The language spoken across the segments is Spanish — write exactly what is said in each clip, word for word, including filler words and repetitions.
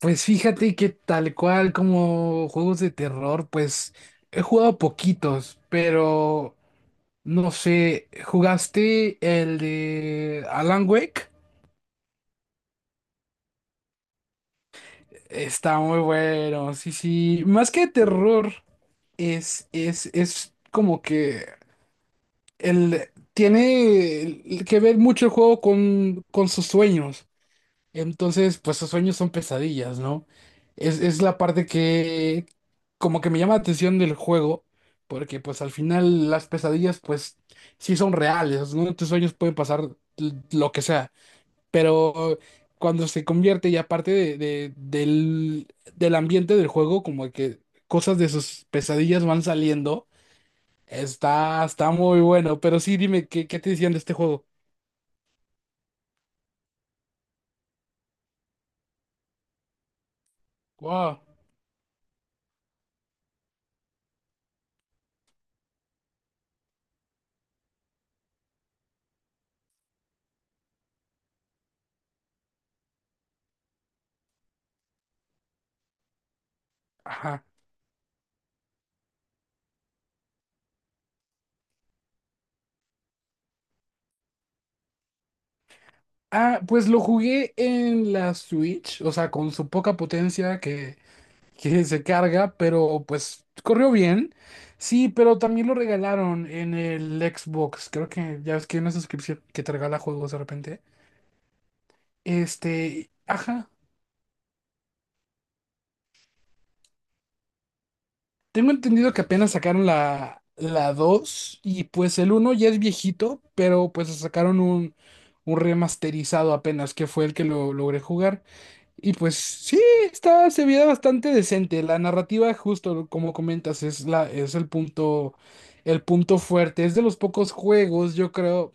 Pues fíjate que tal cual como juegos de terror, pues he jugado poquitos, pero no sé, ¿jugaste el de Alan Wake? Está muy bueno, sí, sí. Más que terror, es, es, es como que el, tiene que ver mucho el juego con, con sus sueños. Entonces, pues sus sueños son pesadillas, ¿no? Es, es la parte que como que me llama la atención del juego, porque pues al final las pesadillas pues sí son reales, ¿no? Tus sueños pueden pasar l- lo que sea, pero cuando se convierte y aparte de, de- del, del ambiente del juego, como que cosas de sus pesadillas van saliendo, está, está muy bueno, pero sí dime, ¿qué, qué te decían de este juego? Wow. Ah, pues lo jugué en la Switch, o sea, con su poca potencia que, que se carga, pero pues corrió bien. Sí, pero también lo regalaron en el Xbox. Creo que ya ves que hay una suscripción que te regala juegos de repente. Este, ajá. Tengo entendido que apenas sacaron la, la dos y pues el uno ya es viejito, pero pues sacaron un, un remasterizado apenas, que fue el que lo logré jugar. Y pues sí, está, se veía bastante decente. La narrativa, justo como comentas, es la, es el punto, el punto fuerte. Es de los pocos juegos, yo creo.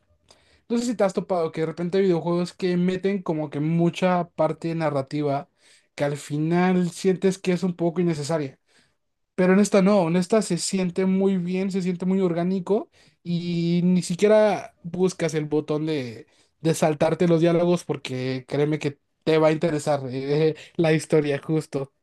No sé si te has topado que de repente hay videojuegos que meten como que mucha parte narrativa que al final sientes que es un poco innecesaria. Pero en esta no, en esta se siente muy bien, se siente muy orgánico y ni siquiera buscas el botón de, de saltarte los diálogos porque créeme que te va a interesar eh, la historia justo.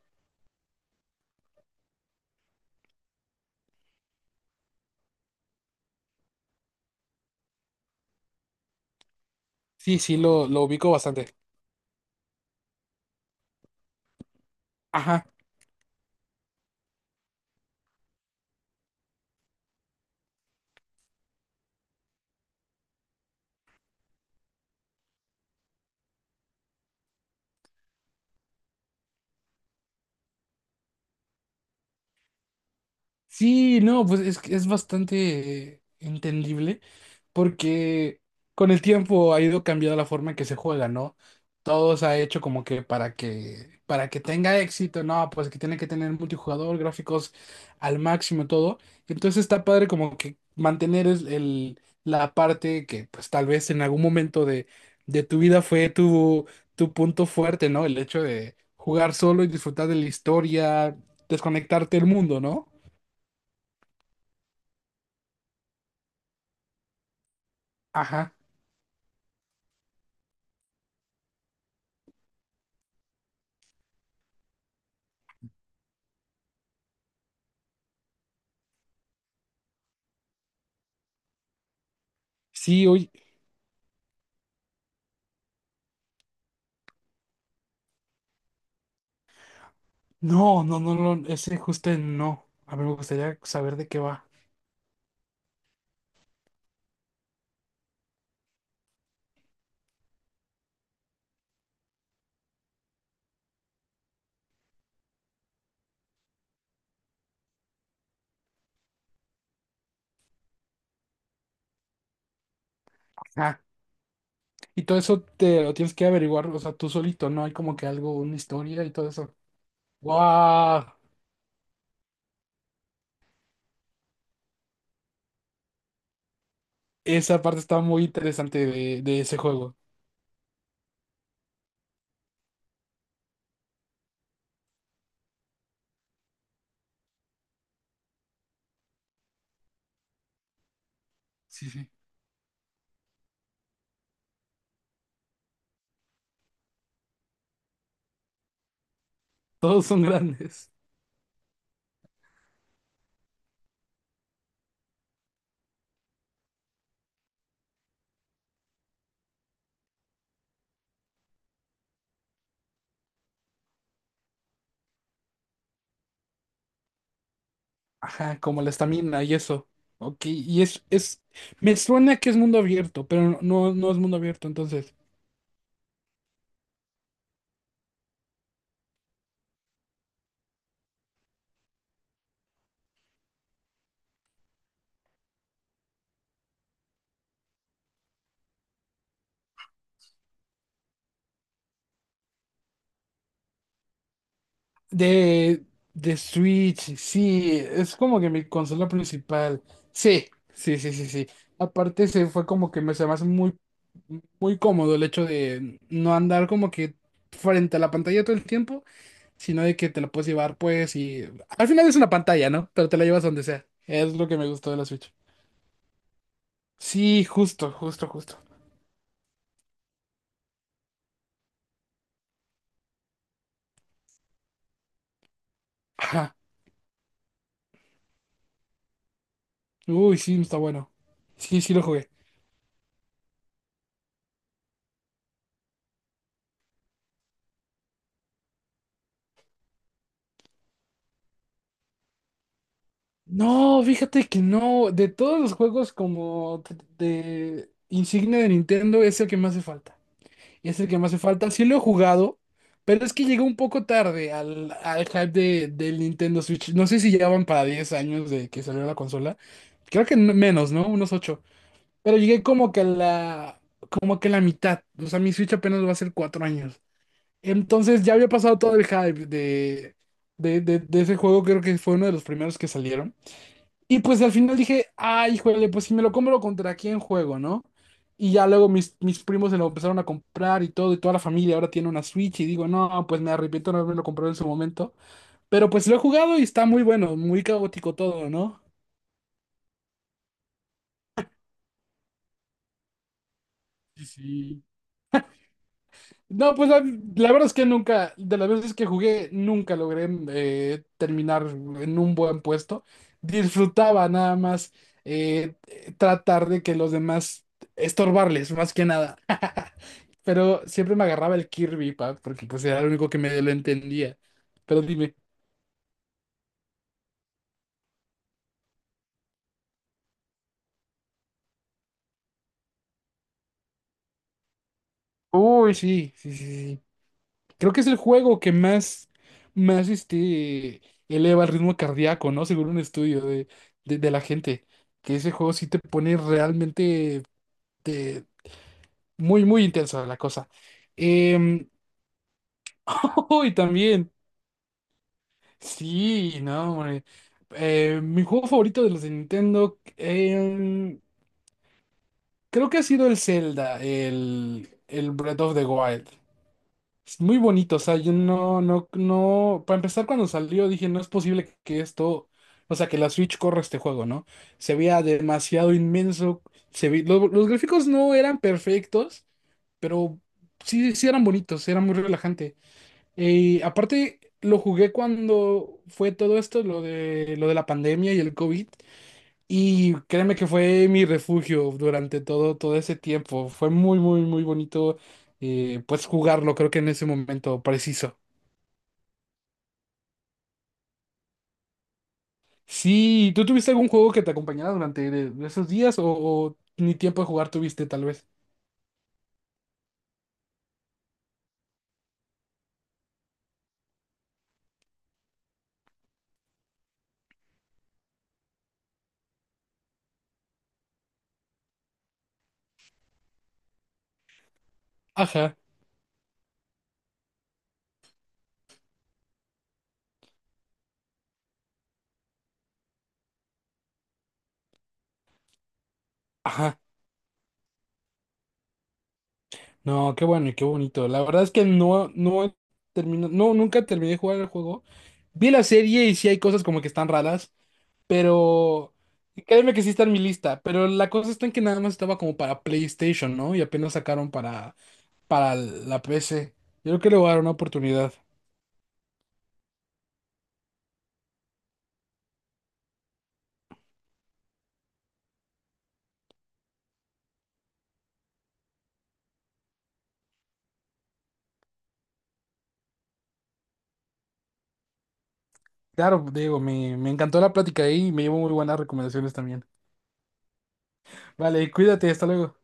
Sí, sí, lo, lo ubico bastante. Ajá. Sí, no, pues es, que es bastante eh, entendible porque con el tiempo ha ido cambiando la forma en que se juega, ¿no? Todo se ha hecho como que para que para que tenga éxito, no, pues que tiene que tener multijugador, gráficos al máximo, todo. Entonces está padre como que mantener es- el, la parte que pues tal vez en algún momento de, de tu vida fue tu, tu punto fuerte, ¿no? El hecho de jugar solo y disfrutar de la historia, desconectarte del mundo, ¿no? Ajá. Sí, oye. No, no, no, no. Ese justo no. A mí me gustaría saber de qué va. Ah, y todo eso te lo tienes que averiguar, o sea, tú solito, ¿no? Hay como que algo, una historia y todo eso. ¡Wow! Esa parte está muy interesante de, de ese juego. Sí, sí. Todos son grandes. Ajá, como la estamina y eso. Ok, y es, es. Me suena que es mundo abierto, pero no, no no es mundo abierto, entonces. De, de Switch, sí, es como que mi consola principal. Sí, sí, sí, sí, sí. Aparte, se fue como que me se me hace muy, muy cómodo el hecho de no andar como que frente a la pantalla todo el tiempo, sino de que te la puedes llevar, pues, y al final es una pantalla, ¿no? Pero te la llevas donde sea. Es lo que me gustó de la Switch. Sí, justo, justo, justo. Ajá. Uy, sí, está bueno. Sí, sí lo jugué. No, fíjate que no. De todos los juegos como de, de insignia de Nintendo, es el que me hace falta. Es el que me hace falta. Sí lo he jugado, pero es que llegó un poco tarde al, al hype de, del Nintendo Switch. No sé si ya van para diez años de que salió la consola. Creo que no- menos, ¿no? Unos ocho. Pero llegué como que a la, como que a la mitad. O sea, mi Switch apenas va a ser cuatro años. Entonces ya había pasado todo el hype de, de, de de ese juego. Creo que fue uno de los primeros que salieron. Y pues al final dije, ay, híjole, pues si me lo compro, ¿contra quién juego, no? Y ya luego mis, mis primos se lo empezaron a comprar y todo, y toda la familia ahora tiene una Switch. Y digo, no, pues me arrepiento de no haberme lo comprado en su momento. Pero pues lo he jugado y está muy bueno, muy caótico todo, ¿no? Sí, sí. No, pues la, la verdad es que nunca, de las veces que jugué, nunca logré eh, terminar en un buen puesto. Disfrutaba nada más eh, tratar de que los demás estorbarles, más que nada. Pero siempre me agarraba el Kirby, pa, porque pues era lo único que medio lo entendía. Pero dime. Uy, sí, sí, sí. Creo que es el juego que más, más este, eleva el ritmo cardíaco, ¿no? Según un estudio de, de, de la gente, que ese juego sí te pone realmente te- muy, muy intensa la cosa. Em, y también, sí, no, hombre. Eh, mi juego favorito de los de Nintendo, em, creo que ha sido el Zelda, el, el Breath of the Wild. Es muy bonito, o sea, yo no, no, no, para empezar cuando salió dije, no es posible que esto, o sea, que la Switch corra este juego, ¿no? Se veía demasiado inmenso, se ve- lo- los gráficos no eran perfectos, pero sí, sí eran bonitos, era muy relajante. Y aparte lo jugué cuando fue todo esto, lo de, lo de la pandemia y el COVID, y créeme que fue mi refugio durante todo, todo ese tiempo. Fue muy, muy, muy bonito, eh, pues jugarlo, creo que en ese momento preciso. Sí, ¿tú tuviste algún juego que te acompañara durante de- de esos días o, o ni tiempo de jugar tuviste tal vez? Ajá, ajá. No, qué bueno y qué bonito. La verdad es que no, no termino, no, nunca terminé de jugar el juego. Vi la serie y sí hay cosas como que están raras. Pero créeme que sí está en mi lista, pero la cosa está en que nada más estaba como para PlayStation, ¿no? Y apenas sacaron para, para la P C. Yo creo que le voy a dar una oportunidad. Claro, Diego, me, me encantó la plática ahí y me llevo muy buenas recomendaciones también. Vale, cuídate, hasta luego.